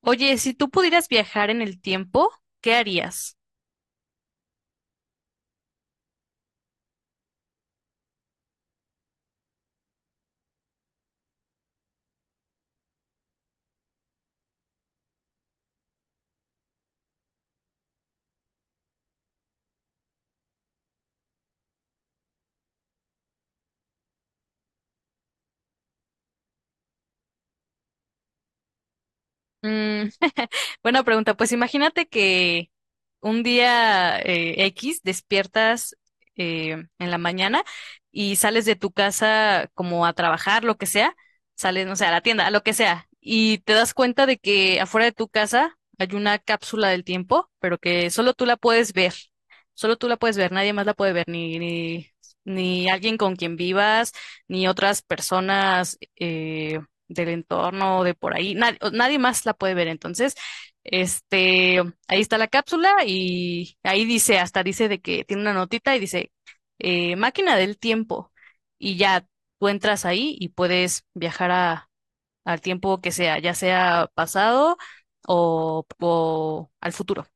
Oye, si tú pudieras viajar en el tiempo, ¿qué harías? Mm, buena pregunta. Pues imagínate que un día X despiertas eh, en la mañana y sales de tu casa como a trabajar, lo que sea, sales, no sé, a la tienda, a lo que sea, y te das cuenta de que afuera de tu casa hay una cápsula del tiempo, pero que solo tú la puedes ver. Solo tú la puedes ver, nadie más la puede ver, ni alguien con quien vivas, ni otras personas. Del entorno o de por ahí. Nadie, nadie más la puede ver. Entonces, este, ahí está la cápsula y ahí dice, hasta dice de que tiene una notita y dice, máquina del tiempo. Y ya tú entras ahí y puedes viajar al tiempo que sea, ya sea pasado o al futuro.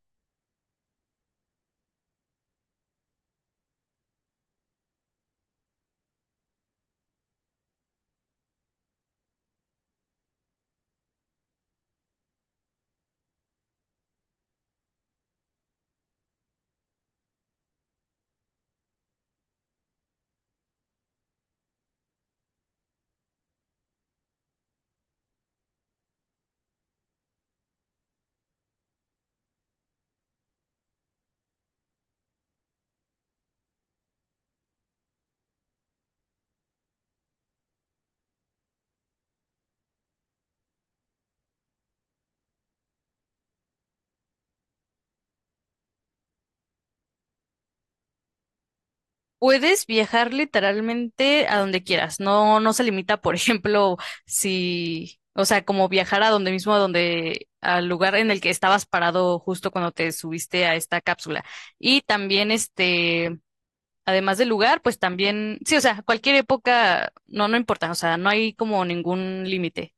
Puedes viajar literalmente a donde quieras. No, no se limita, por ejemplo, si, o sea, como viajar a donde mismo, a donde, al lugar en el que estabas parado justo cuando te subiste a esta cápsula. Y también, además del lugar, pues también, sí, o sea, cualquier época, no, no importa, o sea, no hay como ningún límite.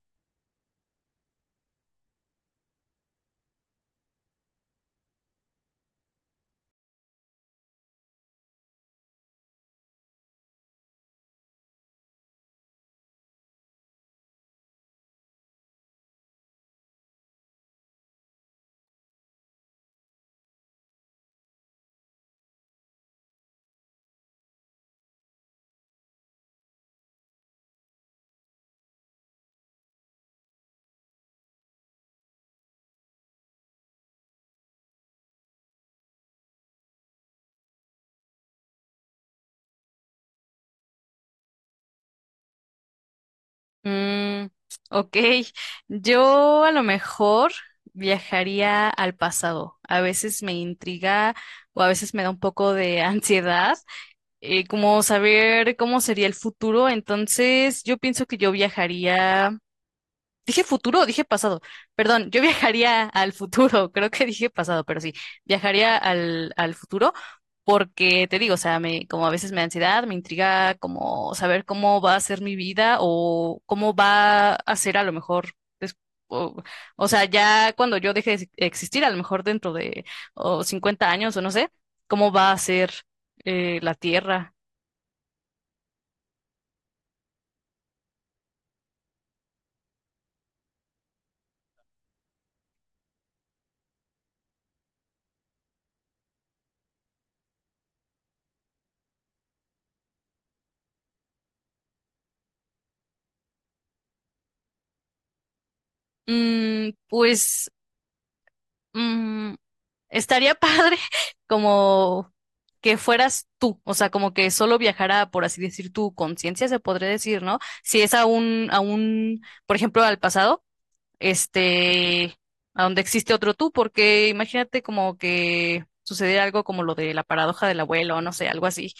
Mm, ok, yo a lo mejor viajaría al pasado. A veces me intriga o a veces me da un poco de ansiedad, como saber cómo sería el futuro. Entonces, yo pienso que yo viajaría. Dije futuro, dije pasado. Perdón, yo viajaría al futuro, creo que dije pasado, pero sí, viajaría al futuro porque te digo, o sea, me, como a veces me da ansiedad, me intriga como saber cómo va a ser mi vida o cómo va a ser a lo mejor des- O, o sea, ya cuando yo deje de existir, a lo mejor dentro de o 50 años o no sé, cómo va a ser la Tierra. Mm, pues mm, estaría padre como que fueras tú, o sea, como que solo viajara, por así decir, tu conciencia, se podría decir, ¿no? Si es a a un, por ejemplo, al pasado, este, a donde existe otro tú, porque imagínate como que sucediera algo como lo de la paradoja del abuelo, o no sé, algo así.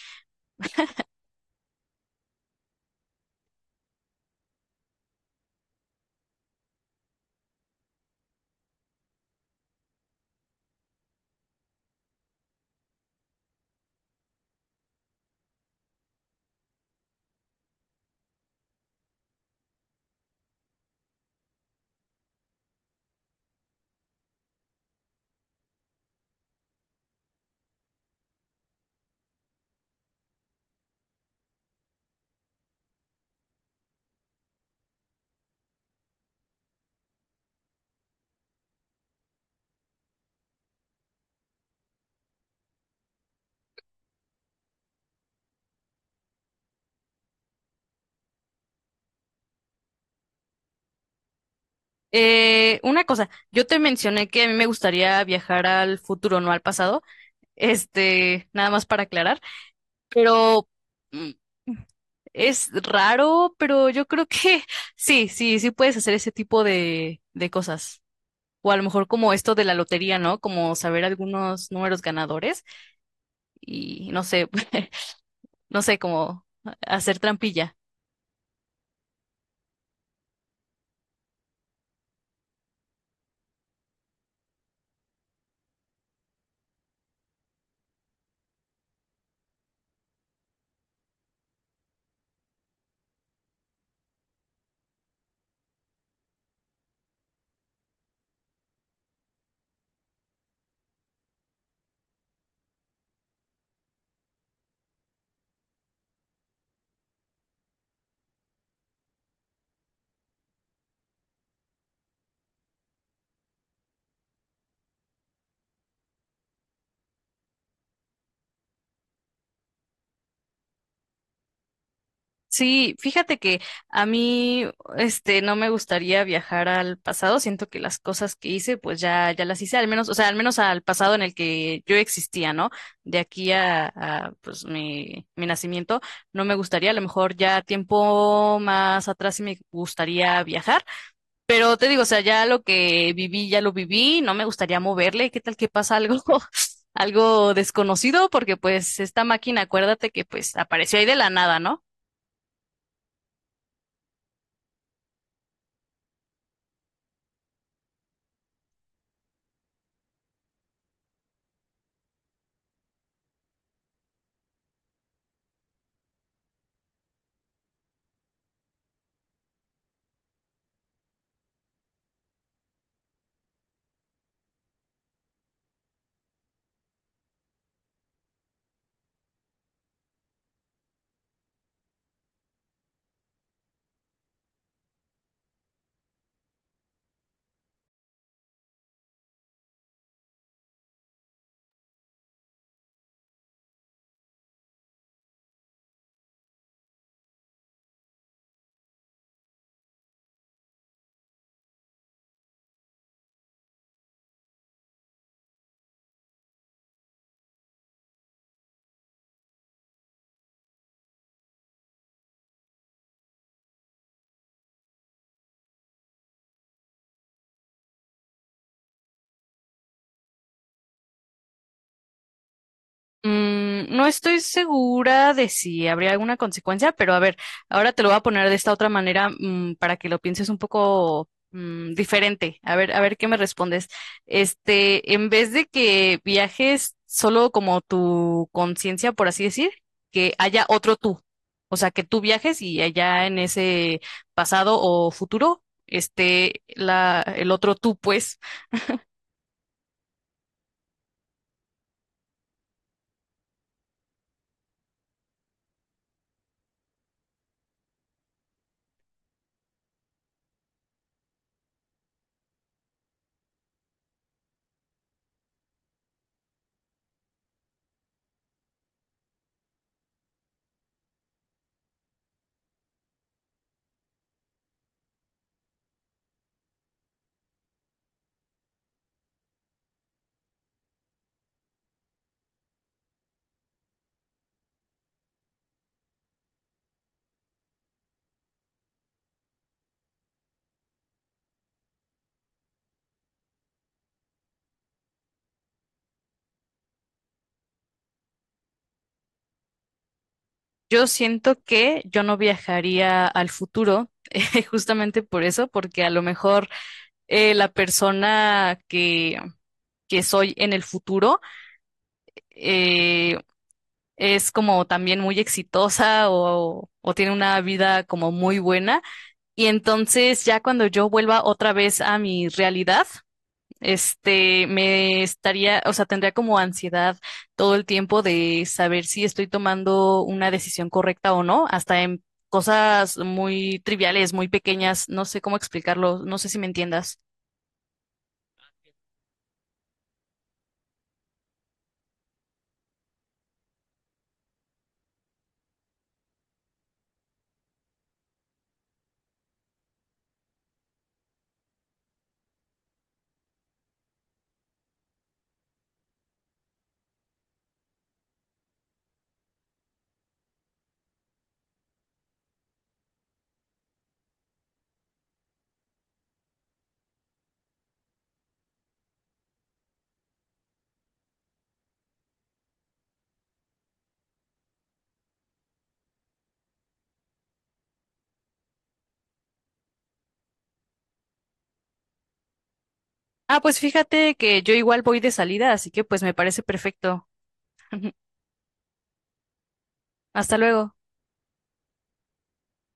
Una cosa, yo te mencioné que a mí me gustaría viajar al futuro, no al pasado, nada más para aclarar, pero... mm, es raro, pero yo creo que sí puedes hacer ese tipo de cosas. O a lo mejor como esto de la lotería, ¿no? Como saber algunos números ganadores y no sé, no sé, como hacer trampilla. Sí, fíjate que a mí, no me gustaría viajar al pasado. Siento que las cosas que hice, pues ya las hice, al menos, o sea, al menos al pasado en el que yo existía, ¿no? De aquí a, pues, mi nacimiento, no me gustaría. A lo mejor ya tiempo más atrás sí me gustaría viajar. Pero te digo, o sea, ya lo que viví, ya lo viví. No me gustaría moverle. ¿Qué tal que pasa algo? Algo desconocido, porque pues esta máquina, acuérdate que pues apareció ahí de la nada, ¿no? Mm, no estoy segura de si habría alguna consecuencia, pero a ver, ahora te lo voy a poner de esta otra manera, mm, para que lo pienses un poco mm, diferente. A ver qué me respondes. En vez de que viajes solo como tu conciencia, por así decir, que haya otro tú. O sea, que tú viajes y allá en ese pasado o futuro esté la, el otro tú, pues. Yo siento que yo no viajaría al futuro, justamente por eso, porque a lo mejor la persona que soy en el futuro eh, es como también muy exitosa o tiene una vida como muy buena. Y entonces ya cuando yo vuelva otra vez a mi realidad, me estaría, o sea, tendría como ansiedad todo el tiempo de saber si estoy tomando una decisión correcta o no, hasta en cosas muy triviales, muy pequeñas, no sé cómo explicarlo, no sé si me entiendas. Ah, pues fíjate que yo igual voy de salida, así que pues me parece perfecto. Hasta luego.